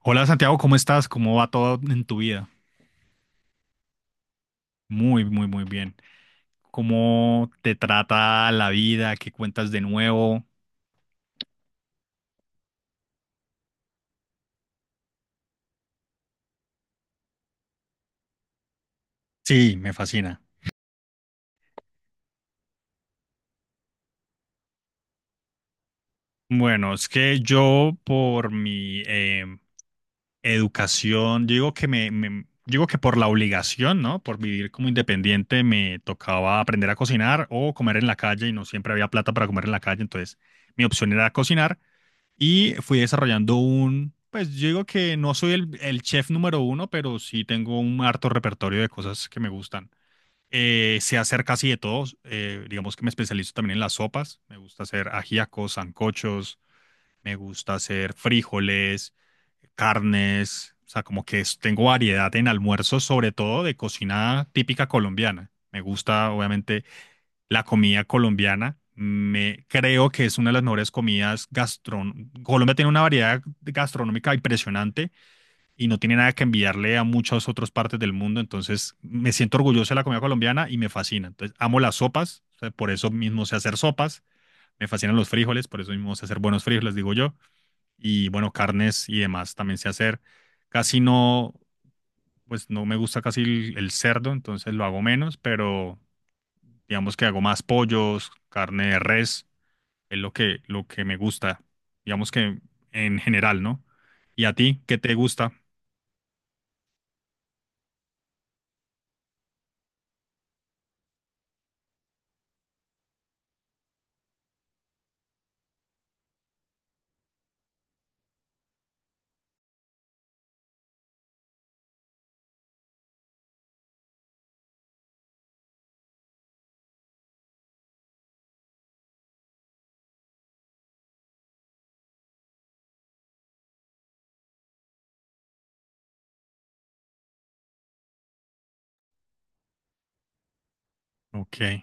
Hola Santiago, ¿cómo estás? ¿Cómo va todo en tu vida? Muy, muy, muy bien. ¿Cómo te trata la vida? ¿Qué cuentas de nuevo? Sí, me fascina. Bueno, es que yo por mi educación, yo digo que digo que por la obligación, ¿no? Por vivir como independiente, me tocaba aprender a cocinar o comer en la calle y no siempre había plata para comer en la calle, entonces mi opción era cocinar y fui desarrollando un, pues yo digo que no soy el chef número uno, pero sí tengo un harto repertorio de cosas que me gustan. Sé hacer casi de todo, digamos que me especializo también en las sopas, me gusta hacer ajíacos, sancochos, me gusta hacer frijoles, carnes, o sea, tengo variedad en almuerzos, sobre todo de cocina típica colombiana. Me gusta, obviamente, la comida colombiana. Creo que es una de las mejores comidas gastronómicas. Colombia tiene una variedad gastronómica impresionante y no tiene nada que enviarle a muchas otras partes del mundo. Entonces, me siento orgulloso de la comida colombiana y me fascina. Entonces, amo las sopas, o sea, por eso mismo sé hacer sopas. Me fascinan los frijoles, por eso mismo sé hacer buenos frijoles, digo yo. Y bueno, carnes y demás también sé hacer. Casi no, pues no me gusta casi el cerdo, entonces lo hago menos, pero digamos que hago más pollos, carne de res, es lo que me gusta. Digamos que en general, ¿no? ¿Y a ti qué te gusta? Ok.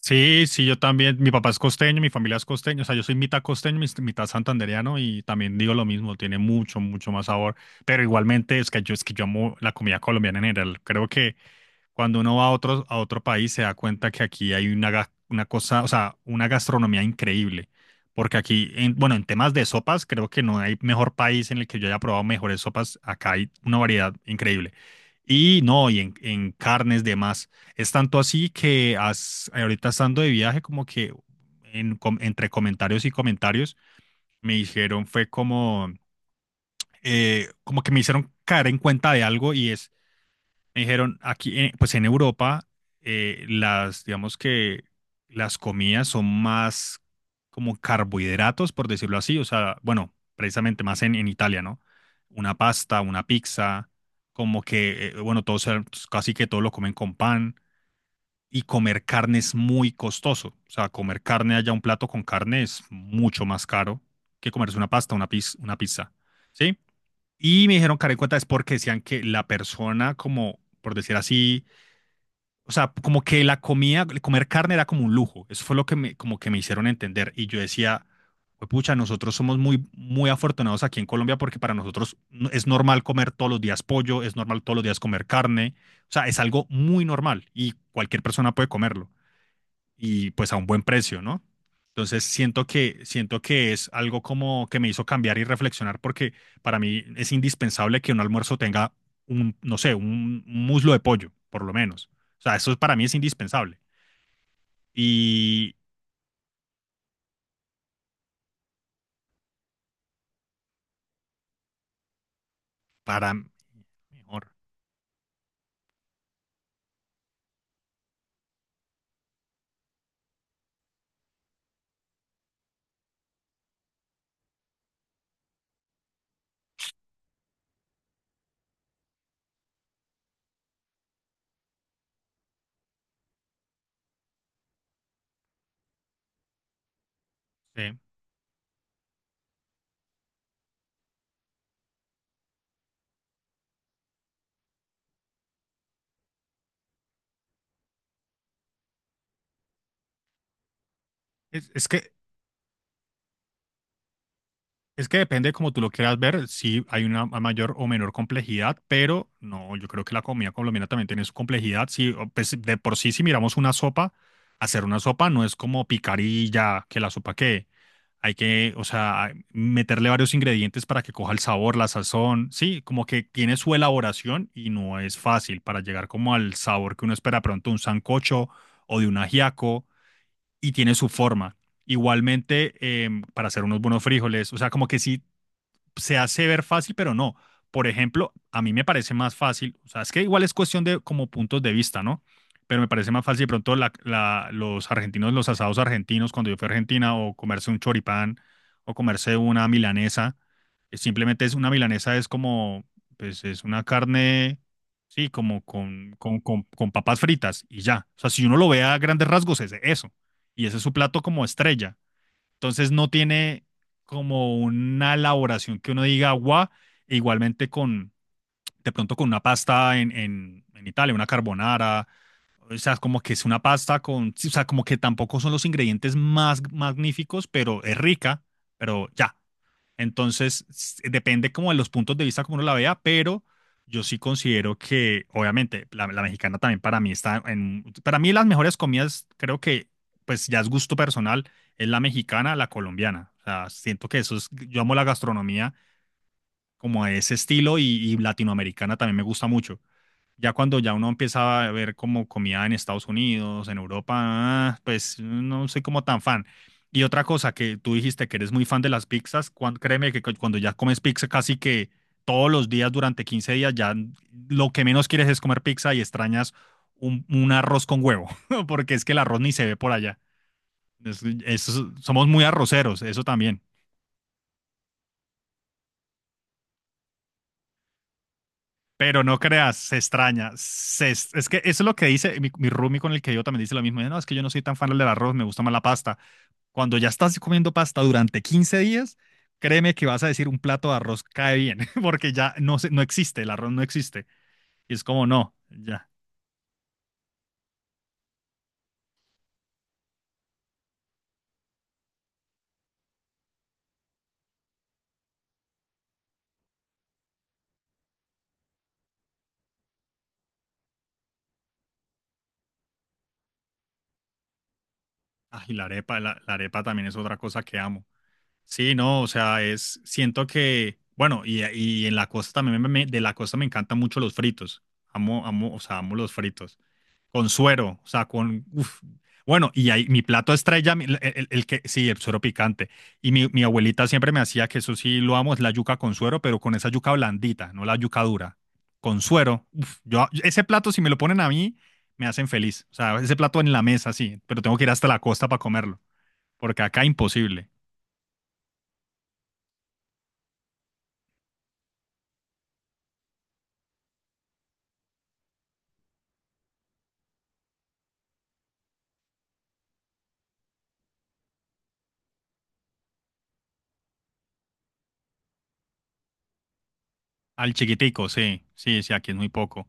Sí, sí, yo también. Mi papá es costeño, mi familia es costeño. O sea, yo soy mitad costeño, mitad santandereano y también digo lo mismo. Tiene mucho, mucho más sabor. Pero igualmente es que yo amo la comida colombiana en general. Creo que cuando uno va a otro país se da cuenta que aquí hay una cosa, o sea, una gastronomía increíble. Porque aquí, bueno, en temas de sopas, creo que no hay mejor país en el que yo haya probado mejores sopas. Acá hay una variedad increíble. Y no, y en carnes, demás. Es tanto así que ahorita estando de viaje, como que entre comentarios y comentarios, me dijeron, fue como, como que me hicieron caer en cuenta de algo y es me dijeron, aquí, pues en Europa, las, digamos que las comidas son más como carbohidratos, por decirlo así, o sea, bueno, precisamente más en Italia, ¿no? Una pasta, una pizza, como que, bueno, todos, casi que todo lo comen con pan, y comer carne es muy costoso, o sea, comer carne allá, un plato con carne es mucho más caro que comerse una pasta, una pizza, ¿sí? Y me dijeron, Karen cuenta, es porque decían que la persona, como por decir así, o sea, como que la comida, comer carne era como un lujo. Eso fue lo que me, como que me hicieron entender. Y yo decía, pucha, nosotros somos muy, muy afortunados aquí en Colombia porque para nosotros es normal comer todos los días pollo, es normal todos los días comer carne. O sea, es algo muy normal y cualquier persona puede comerlo y pues a un buen precio, ¿no? Entonces siento que es algo como que me hizo cambiar y reflexionar porque para mí es indispensable que un almuerzo tenga un, no sé, un muslo de pollo, por lo menos. O sea, eso para mí es indispensable. Y para mejor, sí. Es, es que Es que depende como tú lo quieras ver, si hay una mayor o menor complejidad, pero no, yo creo que la comida colombiana también tiene su complejidad. Sí o, pues, de por sí, si miramos una sopa, hacer una sopa no es como picar y ya, que la sopa que hay que, o sea, meterle varios ingredientes para que coja el sabor, la sazón, sí, como que tiene su elaboración y no es fácil para llegar como al sabor que uno espera pronto de un sancocho o de un ajiaco y tiene su forma. Igualmente, para hacer unos buenos frijoles, o sea, como que sí se hace ver fácil, pero no. Por ejemplo, a mí me parece más fácil, o sea, es que igual es cuestión de como puntos de vista, ¿no? Pero me parece más fácil de pronto los argentinos, los asados argentinos, cuando yo fui a Argentina, o comerse un choripán, o comerse una milanesa. Es, simplemente es una milanesa, es como, pues es una carne, sí, como con papas fritas y ya. O sea, si uno lo ve a grandes rasgos, es eso. Y ese es su plato como estrella. Entonces no tiene como una elaboración que uno diga agua, igualmente con, de pronto con una pasta en Italia, una carbonara, o sea, como que es una pasta con, o sea, como que tampoco son los ingredientes más magníficos, pero es rica, pero ya, entonces, depende como de los puntos de vista como uno la vea, pero yo sí considero que, obviamente, la mexicana también para mí está en, para mí las mejores comidas, creo que, pues ya es gusto personal, es la mexicana, la colombiana. O sea, siento que eso es, yo amo la gastronomía como a ese estilo y latinoamericana también me gusta mucho. Ya cuando ya uno empieza a ver como comida en Estados Unidos, en Europa, ah, pues no soy como tan fan. Y otra cosa que tú dijiste que eres muy fan de las pizzas, cuando ya comes pizza casi que todos los días durante 15 días, ya lo que menos quieres es comer pizza y extrañas un arroz con huevo, porque es que el arroz ni se ve por allá. Somos muy arroceros, eso también. Pero no creas, se extraña. Se es que Eso es lo que dice mi roomie con el que yo también dice lo mismo. Dice, no, es que yo no soy tan fan del arroz, me gusta más la pasta. Cuando ya estás comiendo pasta durante 15 días, créeme que vas a decir un plato de arroz cae bien, porque ya no, no existe, el arroz no existe. Y es como, no, ya. Ah, y la arepa, la arepa también es otra cosa que amo. Sí, no, o sea, es, siento que, bueno, y en la costa también, de la costa me encantan mucho los fritos. Amo, amo, o sea, amo los fritos. Con suero, o sea, con, uf. Bueno, y ahí mi plato estrella, el que, sí, el suero picante. Y mi abuelita siempre me hacía que eso sí lo amo, es la yuca con suero, pero con esa yuca blandita, no la yuca dura. Con suero, uf, yo, ese plato, si me lo ponen a mí, me hacen feliz. O sea, ese plato en la mesa, sí, pero tengo que ir hasta la costa para comerlo, porque acá imposible. Al chiquitico, sí, sí, sí, aquí es muy poco.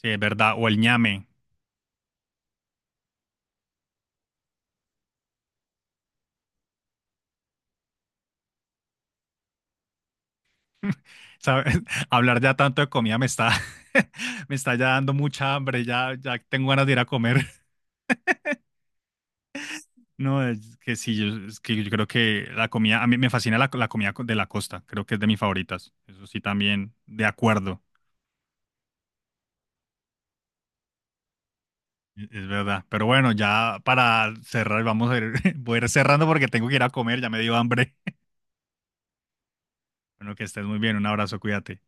Sí, es verdad. O el ñame. ¿Sabes? Hablar ya tanto de comida me está ya dando mucha hambre, ya, ya tengo ganas de ir a comer. No, es que sí, yo, es que yo creo que la comida, a mí me fascina la comida de la costa, creo que es de mis favoritas. Eso sí, también, de acuerdo, es verdad. Pero bueno, ya para cerrar, vamos a ir, voy a ir cerrando porque tengo que ir a comer, ya me dio hambre. Bueno, que estés muy bien, un abrazo, cuídate.